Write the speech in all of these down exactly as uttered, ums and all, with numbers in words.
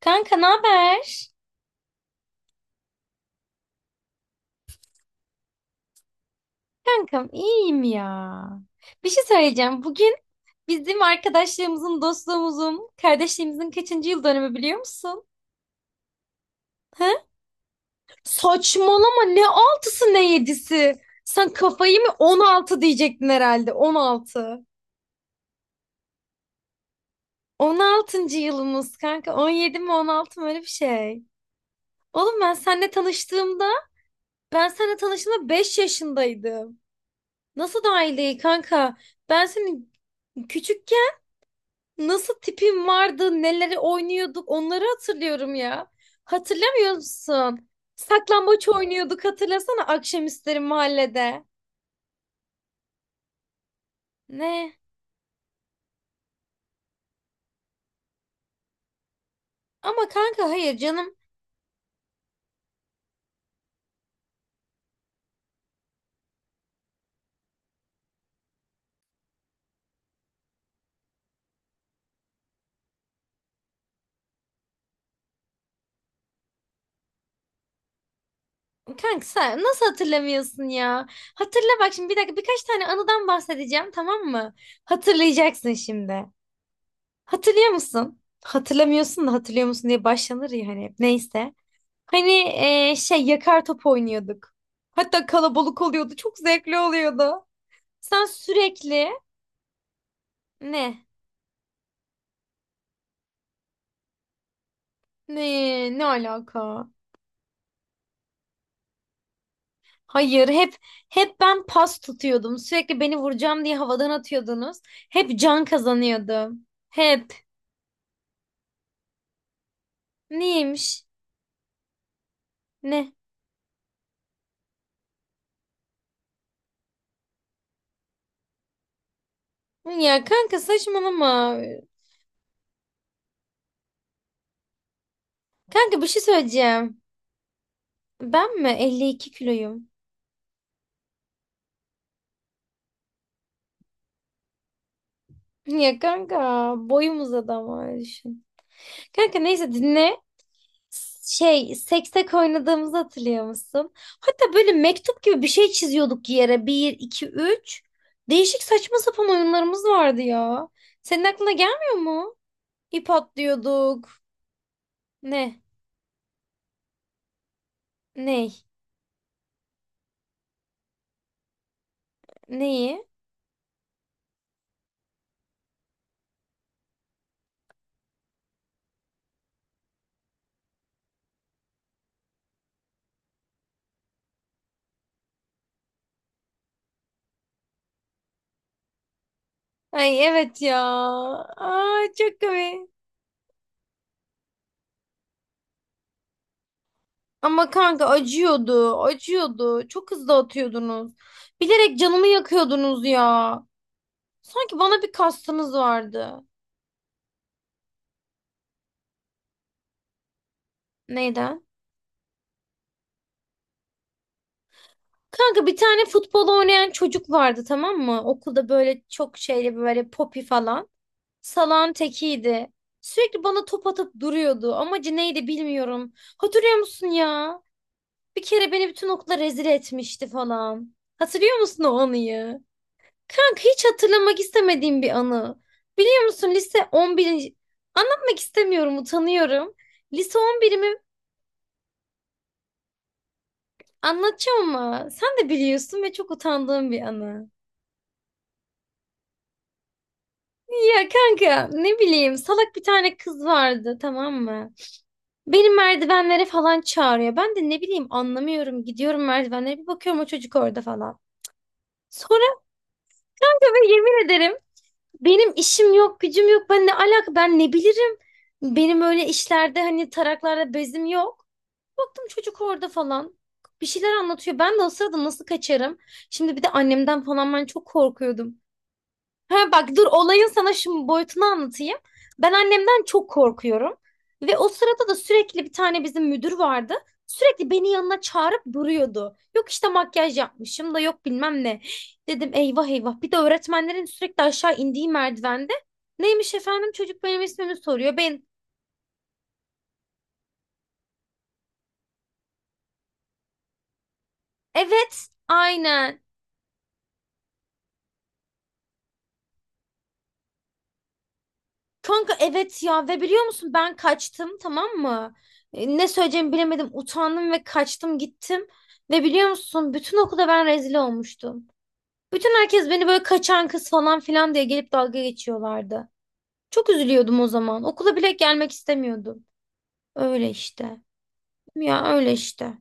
Kanka ne haber? Kankam iyiyim ya. Bir şey söyleyeceğim. Bugün bizim arkadaşlığımızın, dostluğumuzun, kardeşliğimizin kaçıncı yıl dönümü biliyor musun? He? Saçmalama, ne altısı ne yedisi. Sen kafayı mı, on altı diyecektin herhalde, on altı. on altıncı yılımız kanka, on yedi mi on altı mı öyle bir şey. Oğlum ben seninle tanıştığımda ben seninle tanıştığımda beş yaşındaydım. Nasıl daha iyi değil kanka? Ben senin küçükken nasıl tipim vardı, neleri oynuyorduk, onları hatırlıyorum ya. Hatırlamıyor musun? Saklambaç oynuyorduk, hatırlasana, akşamüstleri mahallede. Ne? Ama kanka, hayır canım. Kanka sen nasıl hatırlamıyorsun ya? Hatırla bak şimdi, bir dakika, birkaç tane anıdan bahsedeceğim, tamam mı? Hatırlayacaksın şimdi. Hatırlıyor musun? Hatırlamıyorsun da hatırlıyor musun diye başlanır ya hani, hep. Neyse. Hani eee, şey, yakar top oynuyorduk. Hatta kalabalık oluyordu. Çok zevkli oluyordu. Sen sürekli ne? Ne? Ne alaka? Hayır, hep hep ben pas tutuyordum. Sürekli beni vuracağım diye havadan atıyordunuz. Hep can kazanıyordum. Hep. Neymiş? Ne? Ya kanka saçmalama. Kanka bir şey söyleyeceğim. Ben mi elli iki kiloyum? Ya kanka, boyum uzadı ama öyle düşün. Kanka neyse dinle. Şey, seksek oynadığımızı hatırlıyor musun? Hatta böyle mektup gibi bir şey çiziyorduk yere. Bir, iki, üç. Değişik saçma sapan oyunlarımız vardı ya. Senin aklına gelmiyor mu? İp atlıyorduk. Ne? Ney? Neyi? Ay evet ya. Aa, çok komik. Ama kanka acıyordu, acıyordu. Çok hızlı atıyordunuz. Bilerek canımı yakıyordunuz ya. Sanki bana bir kastınız vardı. Neyden? Kanka bir tane futbol oynayan çocuk vardı, tamam mı? Okulda böyle, çok şeyli böyle, popi falan. Salan tekiydi. Sürekli bana top atıp duruyordu. Amacı neydi bilmiyorum. Hatırlıyor musun ya? Bir kere beni bütün okula rezil etmişti falan. Hatırlıyor musun o anıyı? Kanka hiç hatırlamak istemediğim bir anı. Biliyor musun lise on birinci? Anlatmak istemiyorum, utanıyorum. Lise on birimi anlatacağım ama sen de biliyorsun ve çok utandığım bir anı. Ya kanka ne bileyim, salak bir tane kız vardı, tamam mı? Beni merdivenlere falan çağırıyor. Ben de ne bileyim, anlamıyorum. Gidiyorum merdivenlere, bir bakıyorum o çocuk orada falan. Sonra kanka, ve yemin ederim, benim işim yok gücüm yok. Ben ne alaka, ben ne bilirim. Benim öyle işlerde hani taraklarda bezim yok. Baktım çocuk orada falan. Bir şeyler anlatıyor. Ben de o sırada nasıl kaçarım? Şimdi bir de annemden falan ben çok korkuyordum. Ha bak dur, olayın sana şimdi boyutunu anlatayım. Ben annemden çok korkuyorum. Ve o sırada da sürekli bir tane bizim müdür vardı. Sürekli beni yanına çağırıp duruyordu. Yok işte makyaj yapmışım da yok bilmem ne. Dedim eyvah eyvah. Bir de öğretmenlerin sürekli aşağı indiği merdivende. Neymiş efendim, çocuk benim ismimi soruyor. Ben evet aynen. Kanka evet ya, ve biliyor musun ben kaçtım, tamam mı? E, Ne söyleyeceğimi bilemedim, utandım ve kaçtım gittim. Ve biliyor musun bütün okulda ben rezil olmuştum. Bütün herkes beni böyle kaçan kız falan filan diye gelip dalga geçiyorlardı. Çok üzülüyordum o zaman. Okula bile gelmek istemiyordum. Öyle işte. Ya öyle işte.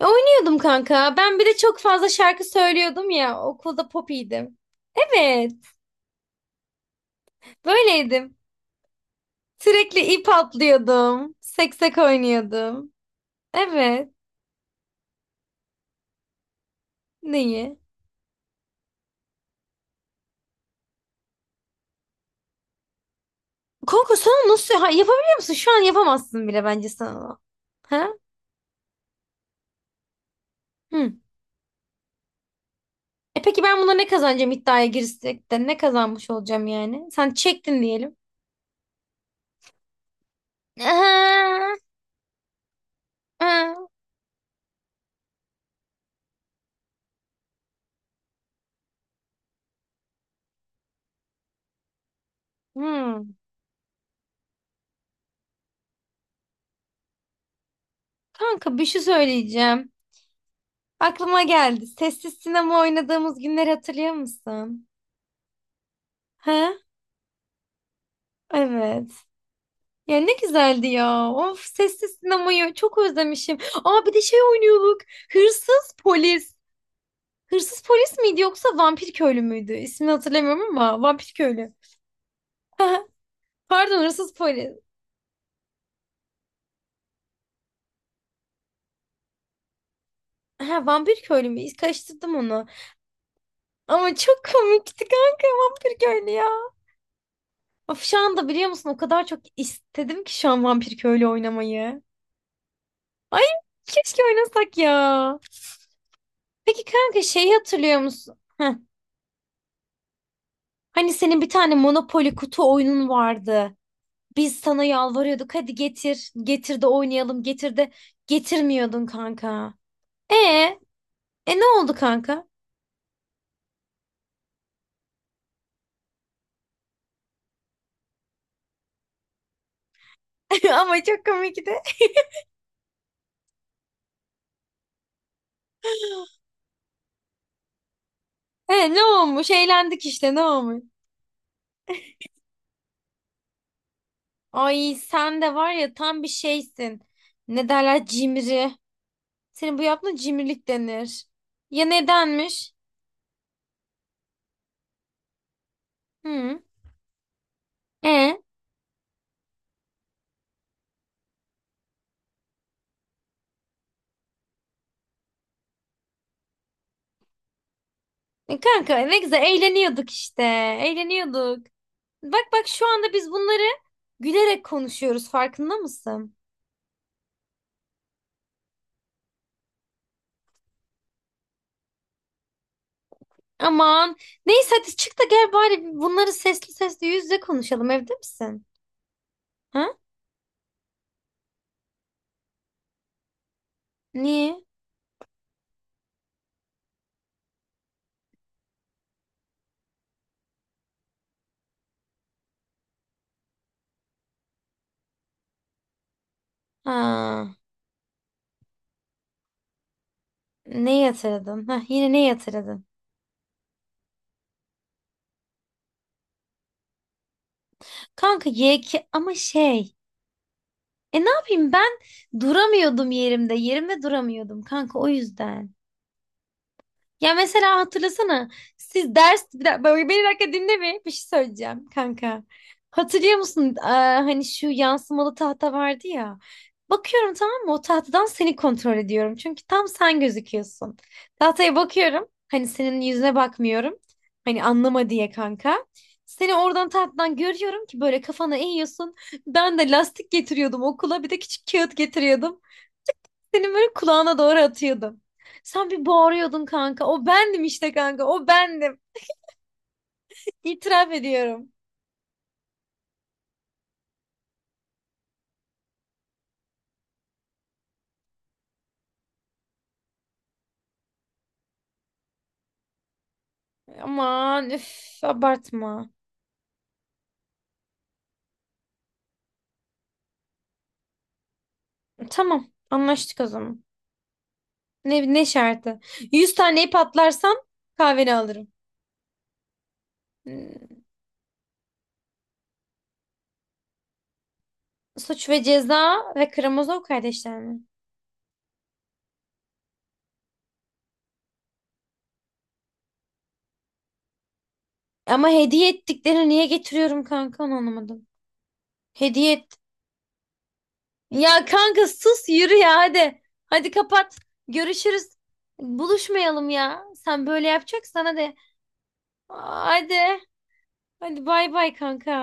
E, oynuyordum kanka. Ben bir de çok fazla şarkı söylüyordum ya. Okulda popiydim. Evet, böyleydim. Sürekli ip atlıyordum. Seksek oynuyordum. Evet. Neyi? Kanka sen onu nasıl, ha, yapabiliyor musun? Şu an yapamazsın bile bence sen onu. Ha? Hı. E peki ben buna ne kazanacağım, iddiaya girsek de ne kazanmış olacağım yani? Sen çektin diyelim. Hı. Kanka bir şey söyleyeceğim. Aklıma geldi. Sessiz sinema oynadığımız günleri hatırlıyor musun? Ha? Evet. Ya ne güzeldi ya. Of, sessiz sinemayı çok özlemişim. Aa, bir de şey oynuyorduk. Hırsız polis. Hırsız polis miydi yoksa vampir köylü müydü? İsmini hatırlamıyorum ama vampir köylü. Pardon, hırsız polis. Ha, vampir köylü mü? Karıştırdım onu. Ama çok komikti kanka, vampir köylü ya. Of, şu anda biliyor musun o kadar çok istedim ki şu an vampir köylü oynamayı. Ay keşke oynasak ya. Peki kanka şeyi hatırlıyor musun? Heh, hani senin bir tane Monopoly kutu oyunun vardı. Biz sana yalvarıyorduk, hadi getir. Getir de oynayalım, getir de getirmiyordun kanka. E E ne oldu kanka? Ama çok komikti. E ne olmuş? Eğlendik işte, ne olmuş? Ay sen de var ya, tam bir şeysin. Ne derler, cimri. Senin bu yaptığın cimrilik denir. Ya nedenmiş? Hı. E? E kanka ne güzel eğleniyorduk işte. Eğleniyorduk. Bak bak, şu anda biz bunları gülerek konuşuyoruz, farkında mısın? Aman. Neyse hadi çık da gel bari, bunları sesli sesli yüz yüze konuşalım. Evde misin? Ha? Niye? Ha. Ne yatırdın? Hah, yine ne yatırdın? Kanka yeki ama şey. E ne yapayım, ben duramıyordum yerimde. Yerimde duramıyordum kanka, o yüzden. Ya mesela hatırlasana, siz ders, bir dakika, beni bir dakika dinle, bir, bir şey söyleyeceğim kanka. Hatırlıyor musun? Aa, hani şu yansımalı tahta vardı ya. Bakıyorum, tamam mı, o tahtadan seni kontrol ediyorum. Çünkü tam sen gözüküyorsun. Tahtaya bakıyorum, hani senin yüzüne bakmıyorum. Hani anlama diye kanka. Seni oradan tahtadan görüyorum ki böyle kafana eğiyorsun. Ben de lastik getiriyordum okula, bir de küçük kağıt getiriyordum. Senin böyle kulağına doğru atıyordum. Sen bir bağırıyordun kanka. O bendim işte kanka. O bendim. İtiraf ediyorum. Aman üf, abartma. Tamam anlaştık o zaman. Ne, ne şartı? yüz taneyi patlarsam kahveni alırım. Hmm, Suç ve Ceza ve Karamazov kardeşler mi? Ama hediye ettiklerini niye getiriyorum kanka, onu anlamadım. Hediye et. Ya kanka, sus yürü ya, hadi. Hadi kapat. Görüşürüz. Buluşmayalım ya. Sen böyle yapacaksan, hadi. Hadi. Hadi bay bay kanka.